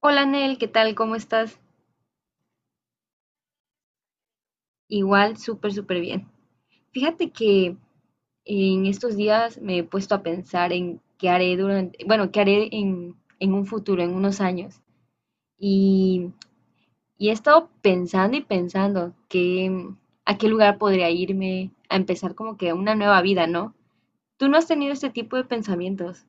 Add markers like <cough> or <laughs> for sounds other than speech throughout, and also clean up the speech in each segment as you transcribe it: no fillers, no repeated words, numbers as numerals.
Hola Nel, ¿qué tal? ¿Cómo estás? Igual, súper bien. Fíjate que en estos días me he puesto a pensar en qué haré durante, bueno, qué haré en un futuro, en unos años. Y, y he estado pensando y pensando que, a qué lugar podría irme a empezar como que una nueva vida, ¿no? ¿Tú no has tenido este tipo de pensamientos?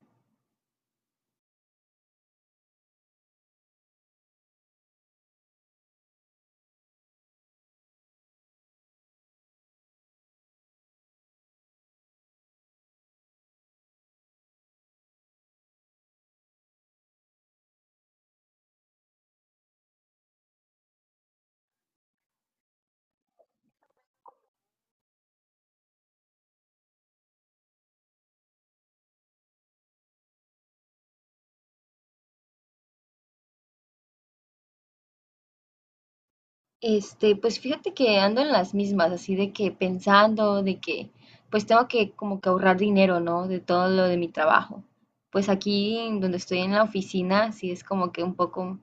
Este, pues fíjate que ando en las mismas, así de que pensando, de que pues tengo que como que ahorrar dinero, ¿no? De todo lo de mi trabajo. Pues aquí en donde estoy en la oficina, sí es como que un poco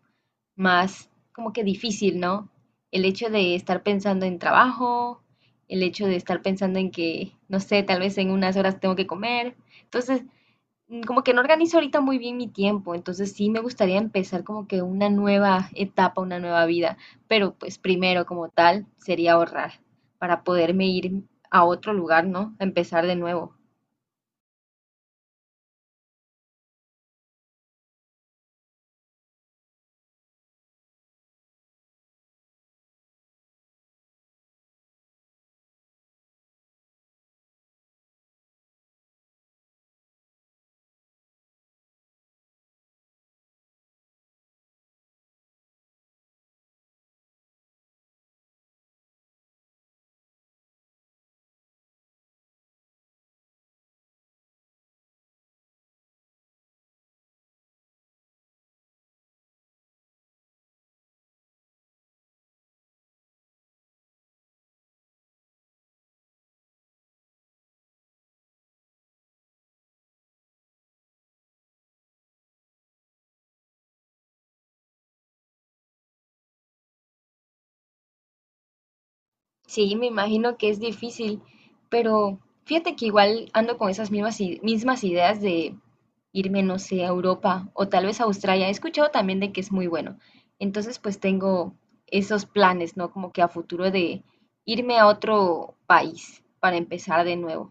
más, como que difícil, ¿no? El hecho de estar pensando en trabajo, el hecho de estar pensando en que, no sé, tal vez en unas horas tengo que comer. Entonces, como que no organizo ahorita muy bien mi tiempo, entonces sí me gustaría empezar como que una nueva etapa, una nueva vida, pero pues primero como tal sería ahorrar para poderme ir a otro lugar, ¿no? A empezar de nuevo. Sí, me imagino que es difícil, pero fíjate que igual ando con esas mismas, mismas ideas de irme, no sé, a Europa o tal vez a Australia. He escuchado también de que es muy bueno. Entonces, pues tengo esos planes, ¿no? Como que a futuro de irme a otro país para empezar de nuevo.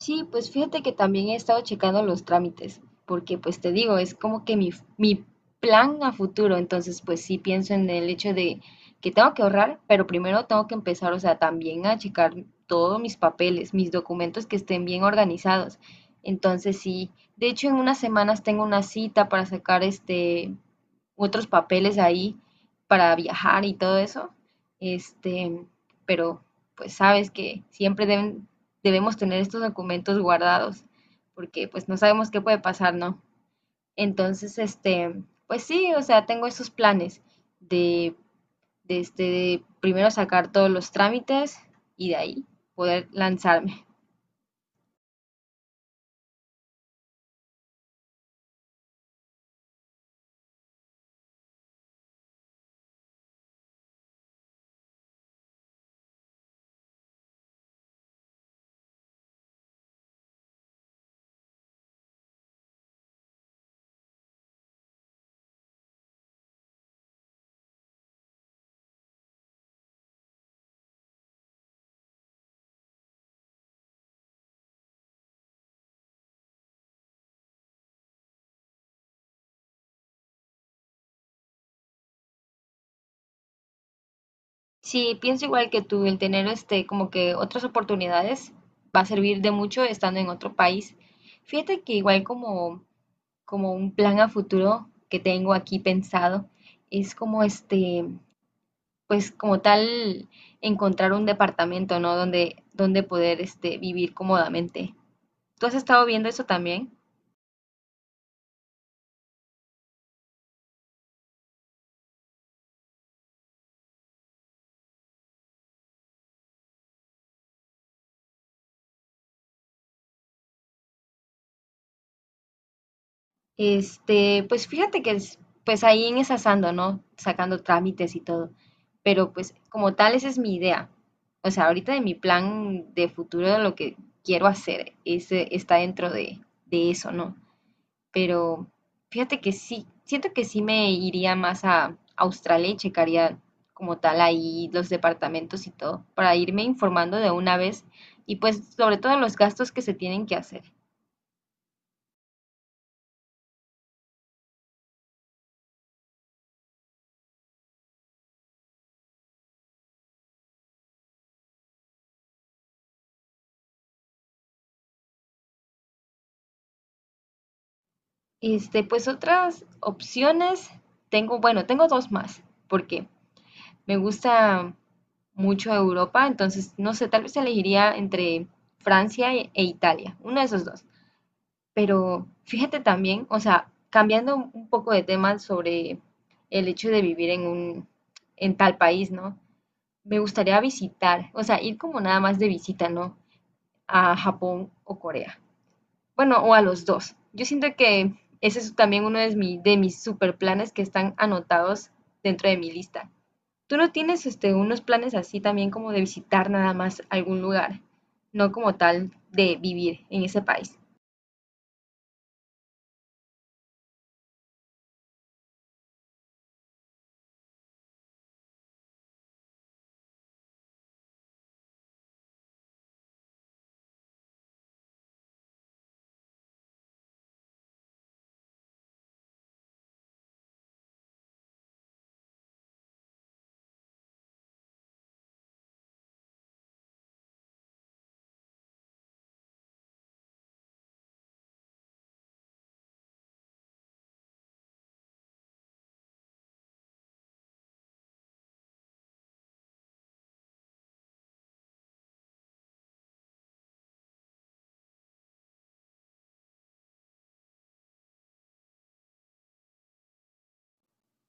Sí, pues fíjate que también he estado checando los trámites, porque pues te digo, es como que mi plan a futuro, entonces pues sí pienso en el hecho de que tengo que ahorrar, pero primero tengo que empezar, o sea, también a checar todos mis papeles, mis documentos que estén bien organizados. Entonces sí, de hecho en unas semanas tengo una cita para sacar este otros papeles ahí para viajar y todo eso. Este, pero pues sabes que siempre debemos tener estos documentos guardados porque pues no sabemos qué puede pasar, ¿no? Entonces, este, pues sí, o sea, tengo esos planes de, de, este, de primero sacar todos los trámites y de ahí poder lanzarme. Sí, pienso igual que tú, el tener este como que otras oportunidades va a servir de mucho estando en otro país. Fíjate que igual como un plan a futuro que tengo aquí pensado es como este, pues como tal encontrar un departamento, ¿no? Donde poder este vivir cómodamente. ¿Tú has estado viendo eso también? Este, pues fíjate que es, pues ahí en esas ando, ¿no? Sacando trámites y todo. Pero pues como tal, esa es mi idea. O sea, ahorita de mi plan de futuro, de lo que quiero hacer, ese está dentro de eso, ¿no? Pero fíjate que sí, siento que sí me iría más a Australia y checaría como tal ahí los departamentos y todo, para irme informando de una vez y pues sobre todo los gastos que se tienen que hacer. Este, pues otras opciones, tengo, bueno, tengo dos más, porque me gusta mucho Europa, entonces, no sé, tal vez elegiría entre Francia e Italia, uno de esos dos. Pero fíjate también, o sea, cambiando un poco de tema sobre el hecho de vivir en un, en tal país, ¿no? Me gustaría visitar, o sea, ir como nada más de visita, ¿no? A Japón o Corea. Bueno, o a los dos. Yo siento que ese es también uno de, de mis super planes que están anotados dentro de mi lista. ¿Tú no tienes este, unos planes así también como de visitar nada más algún lugar, no como tal de vivir en ese país?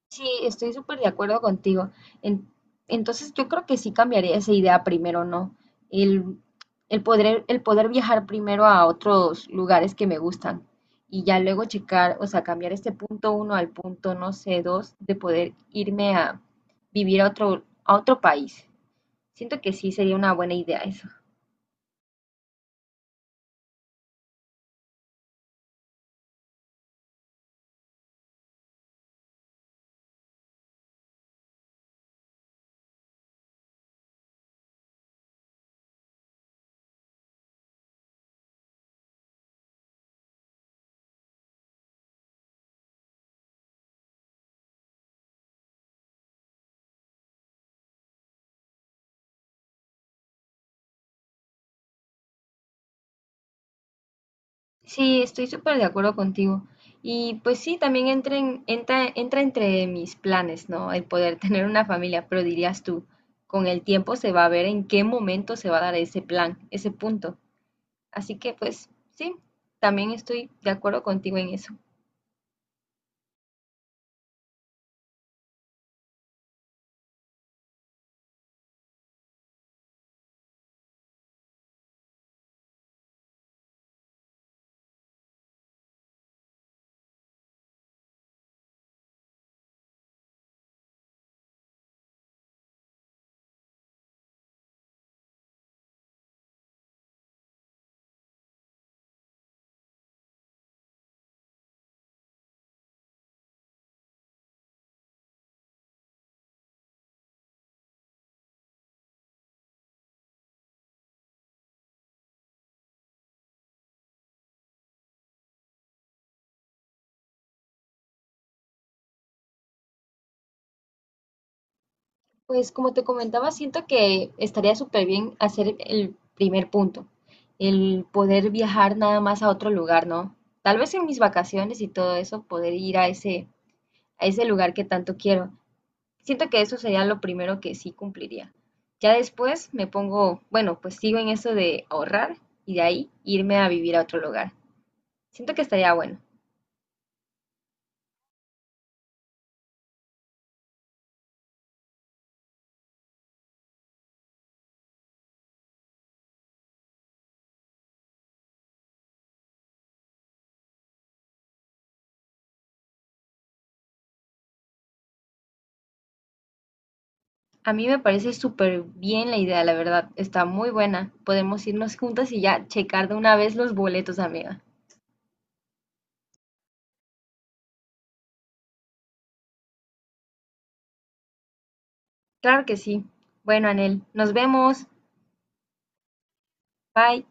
Sí, estoy súper de acuerdo contigo. En- entonces yo creo que sí cambiaría esa idea primero, ¿no? El, el poder viajar primero a otros lugares que me gustan y ya luego checar, o sea, cambiar este punto uno al punto, no sé, dos, de poder irme a vivir a otro país. Siento que sí sería una buena idea eso. Sí, estoy súper de acuerdo contigo. Y pues sí, también entra entre mis planes, ¿no? El poder <laughs> tener una familia, pero dirías tú, con el tiempo se va a ver en qué momento se va a dar ese plan, ese punto. Así que pues sí, también estoy de acuerdo contigo en eso. Pues como te comentaba, siento que estaría súper bien hacer el primer punto, el poder viajar nada más a otro lugar, ¿no? Tal vez en mis vacaciones y todo eso, poder ir a ese lugar que tanto quiero. Siento que eso sería lo primero que sí cumpliría. Ya después me pongo, bueno, pues sigo en eso de ahorrar y de ahí irme a vivir a otro lugar. Siento que estaría bueno. A mí me parece súper bien la idea, la verdad. Está muy buena. Podemos irnos juntas y ya checar de una vez los boletos, amiga. Claro que sí. Bueno, Anel, nos vemos. Bye.